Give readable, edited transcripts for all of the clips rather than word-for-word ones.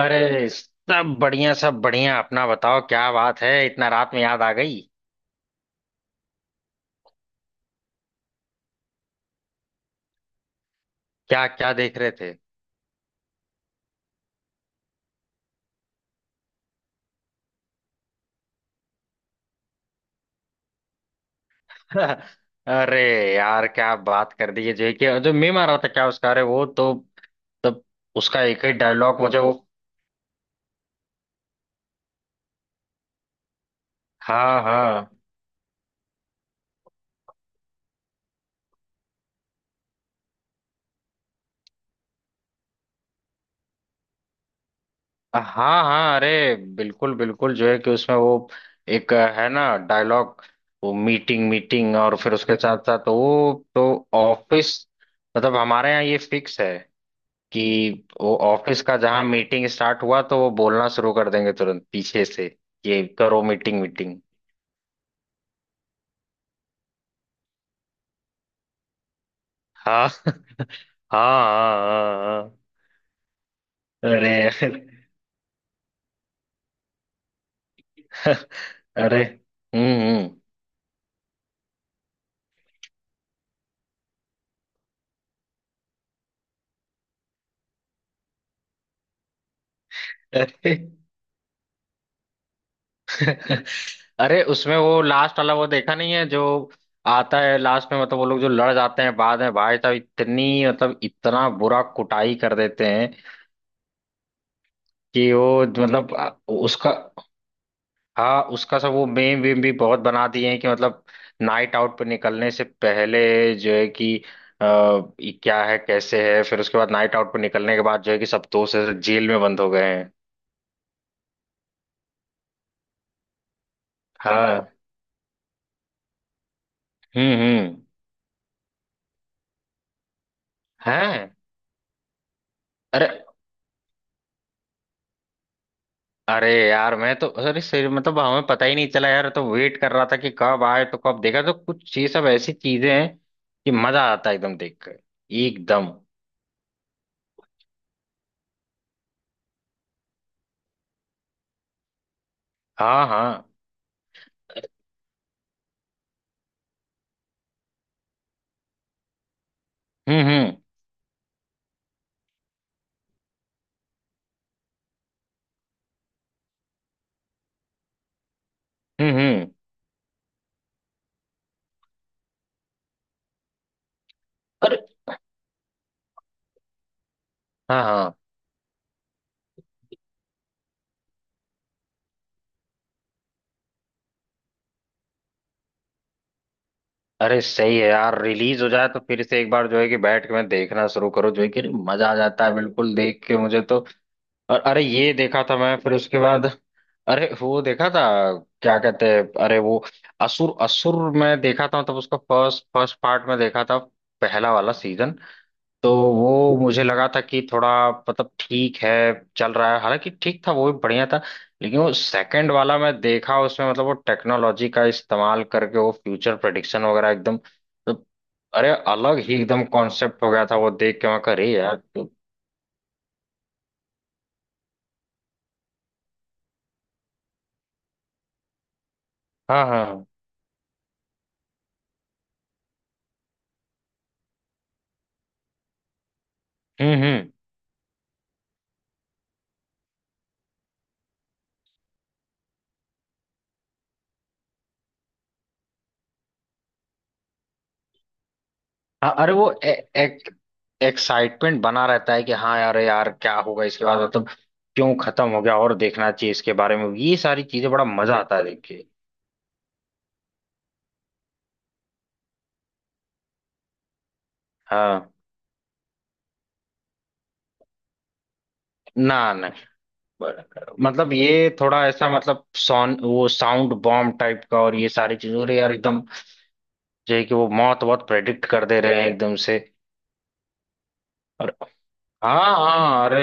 अरे सब बढ़िया सब बढ़िया। अपना बताओ, क्या बात है, इतना रात में याद आ गई। क्या क्या देख रहे थे? अरे यार, क्या बात कर दी है। जो कि जो मीम आ रहा था क्या उसका, अरे वो तो तब उसका एक ही डायलॉग मुझे वो। हाँ हाँ हाँ हाँ, अरे बिल्कुल बिल्कुल। जो है कि उसमें वो एक है ना डायलॉग, वो मीटिंग मीटिंग, और फिर उसके साथ साथ वो तो ऑफिस, मतलब हमारे यहाँ ये फिक्स है कि वो ऑफिस का जहां मीटिंग स्टार्ट हुआ तो वो बोलना शुरू कर देंगे तुरंत पीछे से, ये करो मीटिंग मीटिंग। हाँ हाँ हाँ हाँ हाँ। अरे, अरे हम्म हम्म, अरे। अरे, उसमें वो लास्ट वाला वो देखा नहीं है जो आता है लास्ट में, मतलब वो लोग जो लड़ जाते हैं बाद में, भाई साहब इतनी मतलब इतना बुरा कुटाई कर देते हैं कि वो मतलब उसका, हाँ उसका सब वो मेम वेम भी बहुत बना दिए हैं कि मतलब नाइट आउट पे निकलने से पहले जो है कि अ, ये क्या है कैसे है, फिर उसके बाद नाइट आउट पे निकलने के बाद जो है कि सब दोस्त ऐसे जेल में बंद हो गए हैं। हाँ। हम्म हम्म हैं? अरे अरे यार, मैं तो अरे सर मतलब हमें पता ही नहीं चला यार, तो वेट कर रहा था कि कब आए तो कब देखा, तो कुछ ये सब ऐसी चीजें हैं कि मजा आता है एकदम देख कर। एकदम। हाँ हाँ। हम्म। हम्म। अरे। हाँ हाँ। अरे सही है यार, रिलीज हो जाए तो फिर से एक बार जो है कि बैठ के मैं देखना शुरू करूँ, जो है कि अरे मजा आ जाता है बिल्कुल देख के मुझे तो। और अरे ये देखा था मैं फिर उसके बाद, अरे वो देखा था, क्या कहते हैं अरे वो असुर, असुर मैं देखा था। तब उसका फर्स्ट फर्स्ट पार्ट में देखा था, पहला वाला सीजन। तो वो मुझे लगा था कि थोड़ा मतलब ठीक है, चल रहा है, हालांकि ठीक था वो भी, बढ़िया था। लेकिन वो सेकंड वाला मैं देखा, उसमें मतलब वो टेक्नोलॉजी का इस्तेमाल करके वो फ्यूचर प्रेडिक्शन वगैरह एकदम तो, अरे अलग ही एकदम कॉन्सेप्ट हो गया था। वो देख के मैं कर रही यार तो, हाँ हाँ हाँ, हम्म, हाँ अरे वो एक एक्साइटमेंट बना रहता है कि हाँ यार यार क्या होगा इसके बाद, मतलब क्यों खत्म हो गया, और देखना चाहिए इसके बारे में, ये सारी चीजें बड़ा मजा आता है देख के। हाँ। ना ना, मतलब ये थोड़ा ऐसा मतलब साउंड, वो साउंड बॉम्ब टाइप का और ये सारी चीजों, अरे यार एकदम जो है कि वो मौत बहुत प्रेडिक्ट कर दे रहे हैं एकदम से। और हाँ हाँ, अरे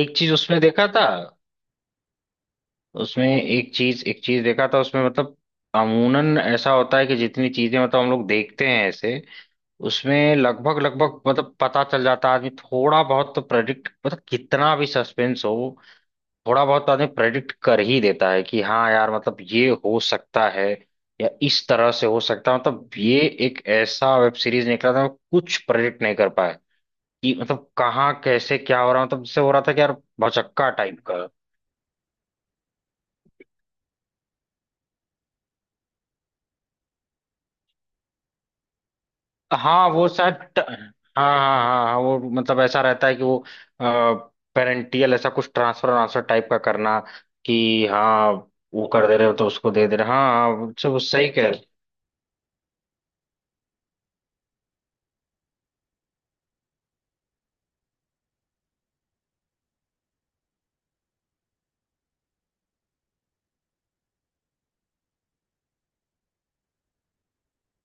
एक चीज उसमें देखा था उसमें, एक चीज देखा था उसमें, मतलब अमूनन ऐसा होता है कि जितनी चीजें मतलब हम लोग देखते हैं ऐसे, उसमें लगभग लगभग मतलब पता चल जाता है। आदमी थोड़ा बहुत तो प्रेडिक्ट मतलब कितना भी सस्पेंस हो, थोड़ा बहुत आदमी प्रेडिक्ट कर ही देता है कि हाँ यार मतलब ये हो सकता है या इस तरह से हो सकता है, मतलब ये एक ऐसा वेब सीरीज निकला था कुछ प्रेडिक्ट नहीं कर पाए कि मतलब कहाँ कैसे क्या हो रहा है। मतलब जिससे हो रहा था कि यार भौचक्का टाइप का। हाँ वो शायद हाँ हाँ हाँ हाँ, वो मतलब ऐसा रहता है कि वो पेरेंटियल ऐसा कुछ ट्रांसफर ट्रांसफर टाइप का करना कि हाँ वो कर दे रहे हो तो उसको दे दे रहे हो। हाँ हाँ, वो सब सही कह रहे हो।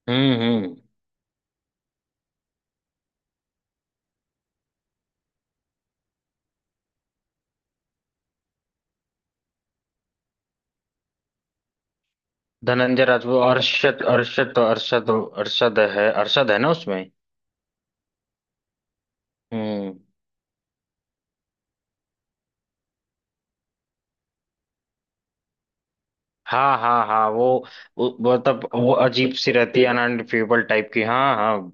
हम्म। धनंजय राजपूत, अरशद अरशद अरशद, अरशद है, अरशद है ना उसमें। हम्म। हाँ हाँ हाँ, वो मतलब वो अजीब सी रहती है, अनअनफीबल टाइप की। हाँ हाँ।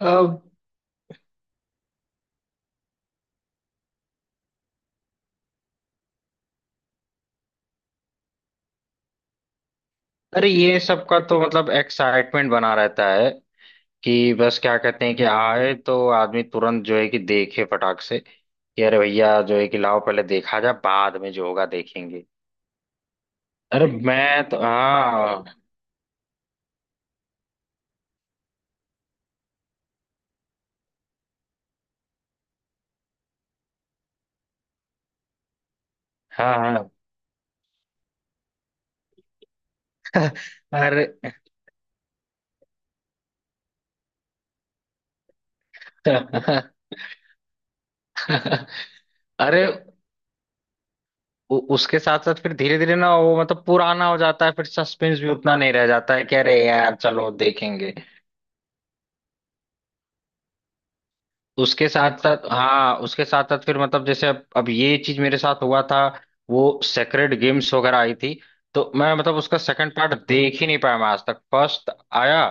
अब अरे ये सबका तो मतलब एक्साइटमेंट बना रहता है कि बस क्या कहते हैं कि आए तो आदमी तुरंत जो है कि देखे फटाक से कि अरे भैया जो है कि लाओ पहले देखा जा, बाद में जो होगा देखेंगे। अरे मैं तो हाँ हाँ हाँ। अरे। अरे, उसके साथ साथ फिर धीरे धीरे ना वो मतलब पुराना हो जाता है, फिर सस्पेंस भी उतना नहीं रह जाता है कि अरे यार चलो देखेंगे। उसके साथ साथ हाँ, उसके साथ साथ फिर मतलब जैसे अब ये चीज मेरे साथ हुआ था, वो सेक्रेड गेम्स वगैरह आई थी, तो मैं मतलब उसका सेकंड पार्ट देख ही नहीं पाया मैं आज तक। फर्स्ट आया,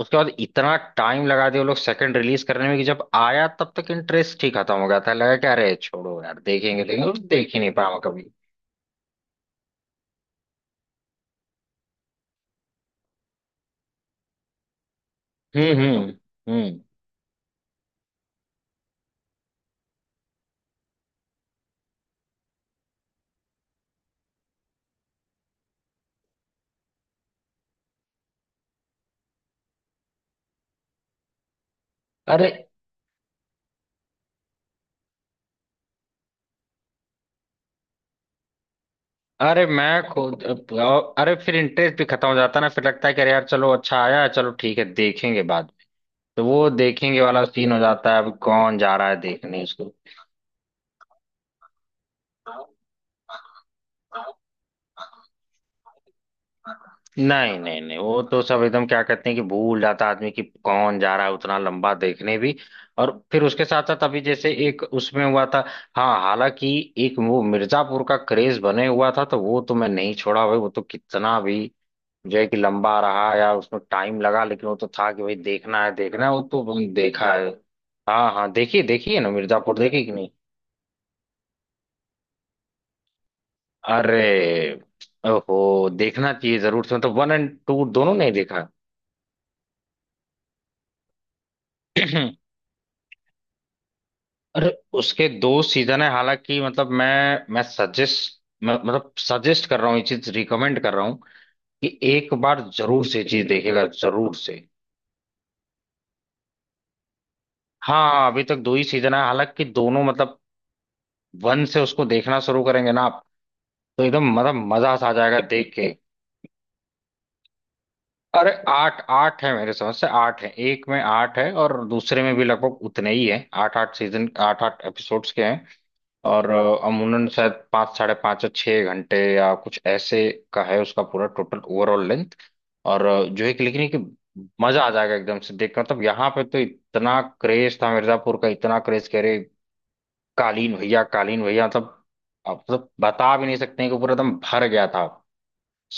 उसके बाद इतना टाइम लगा दिया वो लोग सेकंड रिलीज करने में कि जब आया तब तक इंटरेस्ट ही खत्म हो गया था, लगा कि अरे छोड़ो यार देखेंगे, लेकिन देख ही नहीं पाया मैं कभी। हम्म हम्म हम्म। अरे अरे मैं खुद, अरे फिर इंटरेस्ट भी खत्म हो जाता है ना, फिर लगता है कि अरे यार चलो अच्छा आया है, चलो ठीक है देखेंगे बाद में। तो वो देखेंगे वाला सीन हो जाता है, अब कौन जा रहा है देखने उसको। नहीं नहीं नहीं, वो तो सब एकदम क्या कहते हैं कि भूल जाता है आदमी कि कौन जा रहा है उतना लंबा देखने भी। और फिर उसके साथ साथ अभी जैसे एक उसमें हुआ था, हाँ हालांकि एक वो मिर्जापुर का क्रेज बने हुआ था, तो वो तो मैं नहीं छोड़ा भाई। वो तो कितना भी जो है कि लंबा रहा या उसमें टाइम लगा, लेकिन वो तो था कि भाई देखना है देखना है, वो तो हमने देखा है। हाँ हाँ देखिए देखिए ना मिर्जापुर, देखिए कि नहीं? अरे ओहो, देखना चाहिए जरूर से, मतलब वन एंड टू दोनों नहीं देखा? अरे उसके दो सीजन है, हालांकि मतलब मैं सजेस्ट सजेस्ट कर रहा हूँ, ये चीज रिकमेंड कर रहा हूँ कि एक बार जरूर से चीज देखेगा, जरूर से। हाँ अभी तक दो ही सीजन है, हालांकि दोनों मतलब वन से उसको देखना शुरू करेंगे ना, तो एकदम मतलब मजा सा आ जाएगा देख के। अरे आठ आठ है मेरे समझ से, आठ है एक में, आठ है और दूसरे में भी लगभग उतने ही है, आठ आठ सीजन आठ आठ एपिसोड्स के हैं। और अमूमन शायद पाँच साढ़े पाँच या छः घंटे या कुछ ऐसे का है उसका पूरा टोटल ओवरऑल लेंथ। और जो है कि लेकिन ये कि मजा आ जाएगा एकदम से देख कर, मतलब यहाँ पे तो इतना क्रेज था मिर्जापुर का, इतना क्रेज कह रहे, कालीन भैया कालीन भैया, मतलब आप मतलब बता भी नहीं सकते हैं कि पूरा एकदम भर गया था।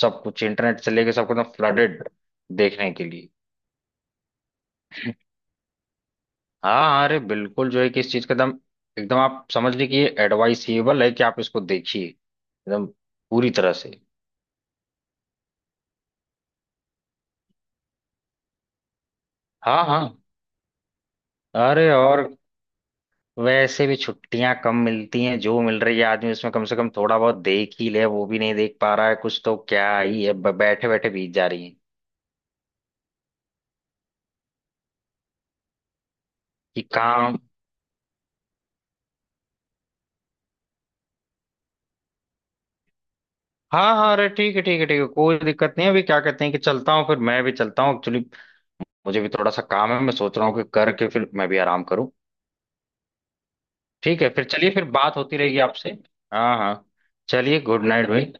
सब कुछ इंटरनेट से लेके सब कुछ एकदम फ्लडेड देखने के लिए। हाँ अरे बिल्कुल जो है कि इस चीज का एकदम, एकदम आप समझ लीजिए कि ये एडवाइसेबल है कि आप इसको देखिए एकदम पूरी तरह से। हाँ हाँ, अरे और वैसे भी छुट्टियां कम मिलती हैं, जो मिल रही है आदमी उसमें कम से कम थोड़ा बहुत देख ही ले, वो भी नहीं देख पा रहा है कुछ तो क्या ही है, बैठे बैठे बीत जा रही है। कि काम, हाँ हाँ अरे ठीक है ठीक है ठीक है, कोई दिक्कत नहीं है, अभी क्या कहते हैं कि चलता हूँ, फिर मैं भी चलता हूँ एक्चुअली। मुझे भी थोड़ा सा काम है, मैं सोच रहा हूँ कि करके फिर मैं भी आराम करूँ। ठीक है फिर, चलिए फिर बात होती रहेगी आपसे। हाँ हाँ चलिए, गुड नाइट भाई।